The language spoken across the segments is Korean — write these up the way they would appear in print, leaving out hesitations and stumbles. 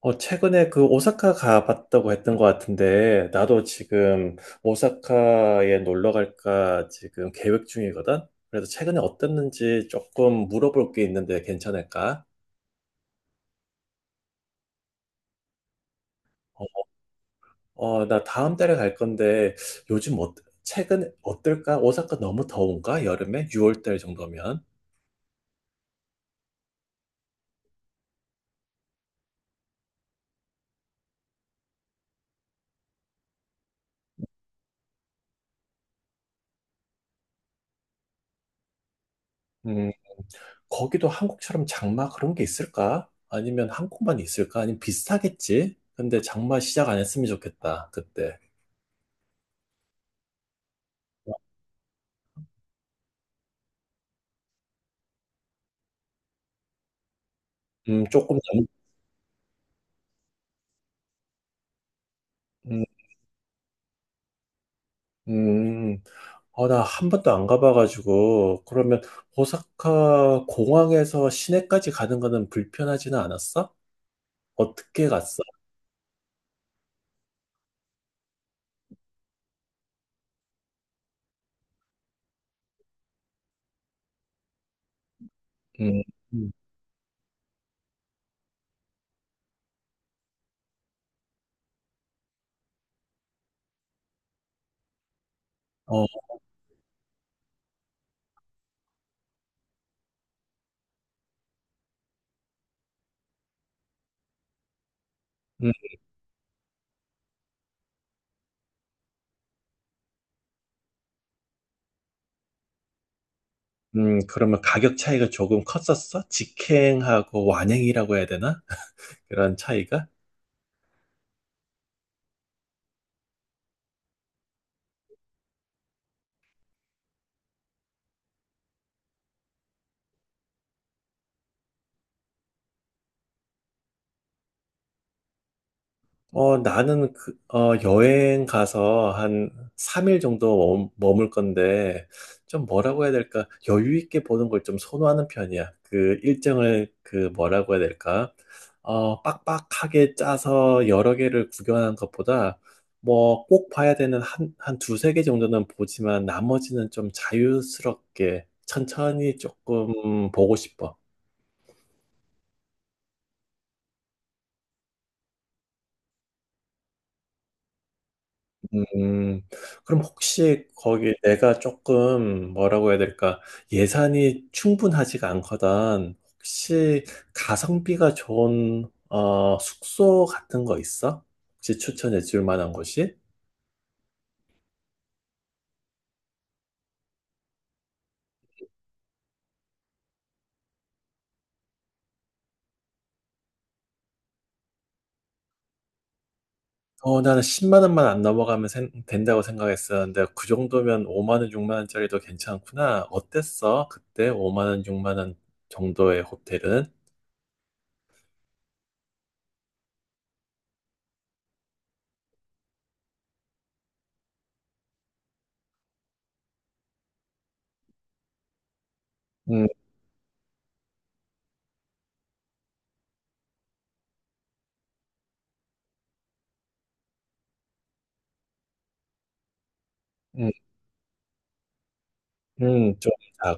최근에 그 오사카 가봤다고 했던 것 같은데, 나도 지금 오사카에 놀러 갈까 지금 계획 중이거든? 그래서 최근에 어땠는지 조금 물어볼 게 있는데 괜찮을까? 어, 나 다음 달에 갈 건데, 요즘 어, 최근 어떨까? 오사카 너무 더운가? 여름에? 6월 달 정도면? 음, 거기도 한국처럼 장마 그런 게 있을까? 아니면 한국만 있을까? 아니면 비슷하겠지? 근데 장마 시작 안 했으면 좋겠다, 그때. 어, 음, 조금 남, 음. 음, 나 한 번도 안 가봐가지고, 그러면 오사카 공항에서 시내까지 가는 거는 불편하지는 않았어? 어떻게 갔어? 음, 음, 어, 음, 그러면 가격 차이가 조금 컸었어? 직행하고 완행이라고 해야 되나? 그런 차이가? 여행 가서 한 3일 정도 머물 건데, 좀 뭐라고 해야 될까? 여유 있게 보는 걸 좀 선호하는 편이야. 그 일정을 그 뭐라고 해야 될까? 빡빡하게 짜서 여러 개를 구경하는 것보다, 뭐 꼭 봐야 되는 한 두세 개 정도는 보지만 나머지는 좀 자유스럽게 천천히 조금 보고 싶어. 음, 그럼 혹시 거기 내가 조금 뭐라고 해야 될까? 예산이 충분하지가 않거든. 혹시 가성비가 좋은 숙소 같은 거 있어? 혹시 추천해 줄 만한 곳이? 나는 10만 원만 안 넘어가면 된다고 생각했었는데 그 정도면 5만 원, 6만 원짜리도 괜찮구나. 어땠어? 그때 5만 원, 6만 원 정도의 호텔은? 음, 음, 좀 작아.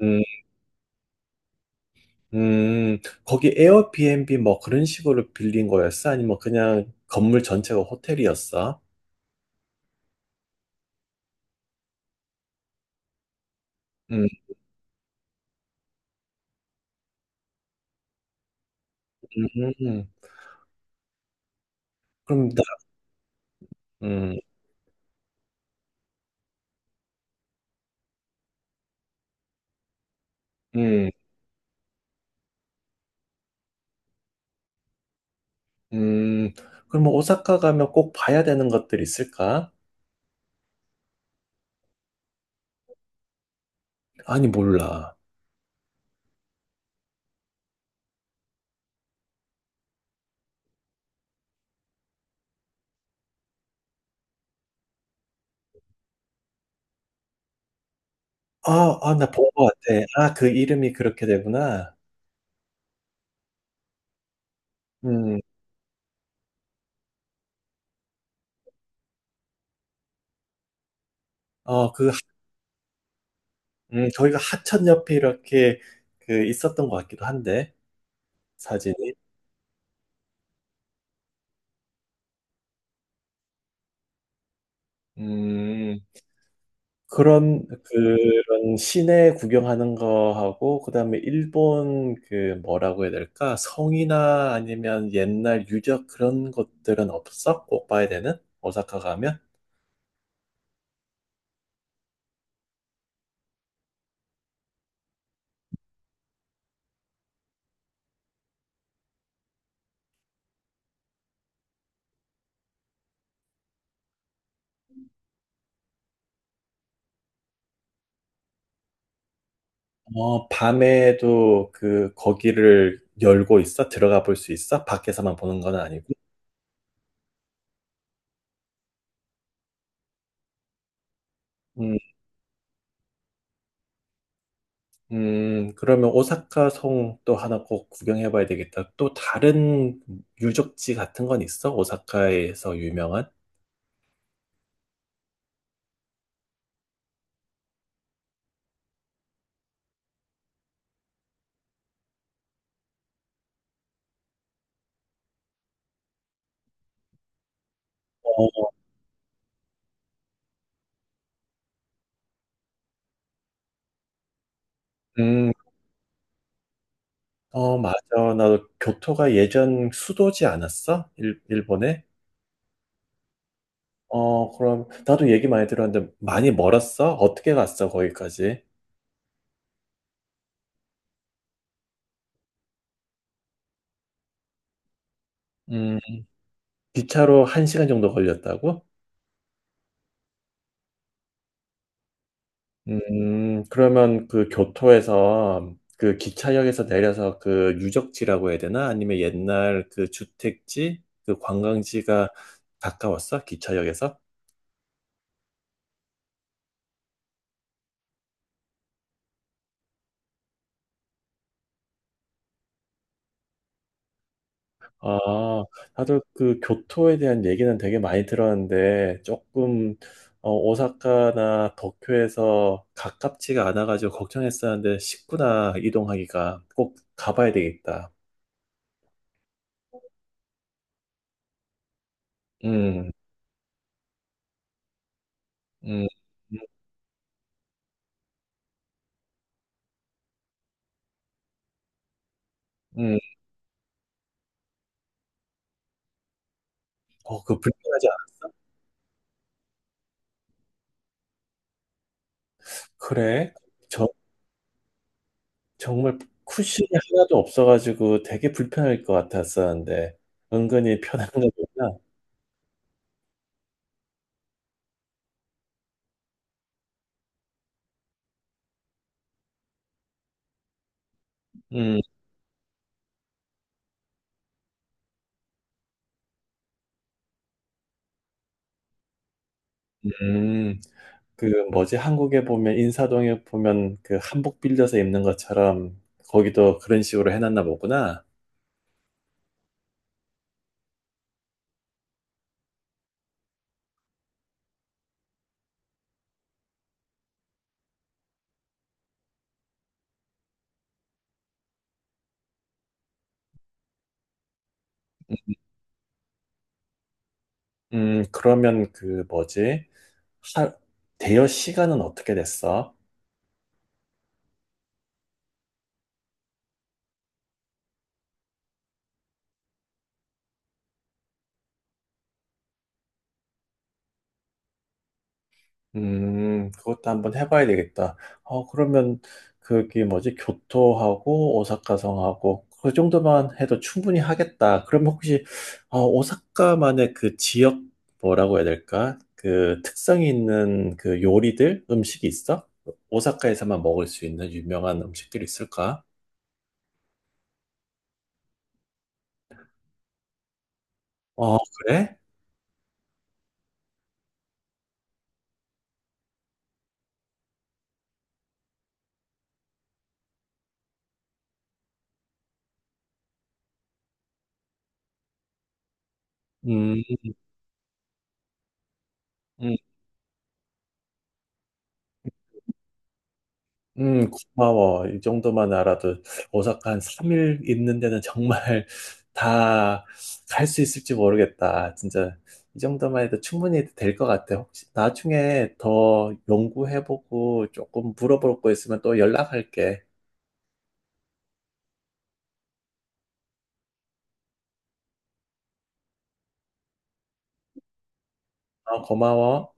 음. 음, 거기 에어비앤비 뭐 그런 식으로 빌린 거였어? 아니면 그냥 건물 전체가 호텔이었어? 음, 음, 음. 그럼 나, 음, 음, 음, 그럼 뭐 오사카 가면 꼭 봐야 되는 것들 있을까? 아니, 몰라. 아, 아, 나 본 거 같아. 아, 그 이름이 그렇게 되구나. 음, 어, 그, 하- 저희가 하천 옆에 이렇게 그 있었던 것 같기도 한데, 사진이. 음. 그런 시내 구경하는 거하고 그다음에 일본 그 뭐라고 해야 될까? 성이나 아니면 옛날 유적 그런 것들은 없어? 꼭 봐야 되는? 오사카 가면? 어, 밤에도 그 거기를 열고 있어? 들어가 볼 수 있어? 밖에서만 보는 건 아니고? 음, 그러면 오사카 성 또 하나 꼭 구경해 봐야 되겠다. 또 다른 유적지 같은 건 있어? 오사카에서 유명한? 어, 음, 어, 맞아. 나도 교토가 예전 수도지 않았어? 일본에? 어, 그럼, 나도 얘기 많이 들었는데, 많이 멀었어? 어떻게 갔어, 거기까지? 음, 기차로 한시간 정도 걸렸다고? 그러면 그 교토에서, 그 기차역에서 내려서 그 유적지라고 해야 되나? 아니면 옛날 그 주택지? 그 관광지가 가까웠어? 기차역에서? 아, 다들 그 교토에 대한 얘기는 되게 많이 들었는데, 조금, 어, 오사카나 도쿄에서 가깝지가 않아가지고 걱정했었는데, 쉽구나 이동하기가 꼭 가봐야 되겠다. 음, 음, 음, 음. 어, 그 불편하지 않아? 그래? 저, 정말 쿠션이 하나도 없어가지고 되게 불편할 것 같았었는데, 은근히 편한 거구나. 음, 음. 그 뭐지 한국에 보면 인사동에 보면 그 한복 빌려서 입는 것처럼 거기도 그런 식으로 해놨나 보구나. 그러면 그 뭐지 하, 대여 시간은 어떻게 됐어? 그것도 한번 해봐야 되겠다. 어, 그러면 그게 뭐지? 교토하고 오사카성하고 그 정도만 해도 충분히 하겠다. 그럼 혹시 어, 오사카만의 그 지역 뭐라고 해야 될까? 그 특성이 있는 그 요리들, 음식이 있어? 오사카에서만 먹을 수 있는 유명한 음식들이 있을까? 어, 그래? 음. 음. 음, 고마워. 이 정도만 알아도 오사카 한 3일 있는 데는 정말 다 갈 수 있을지 모르겠다. 진짜 이 정도만 해도 충분히 될 것 같아. 혹시 나중에 더 연구해보고 조금 물어볼 거 있으면 또 연락할게. 어, 고마워.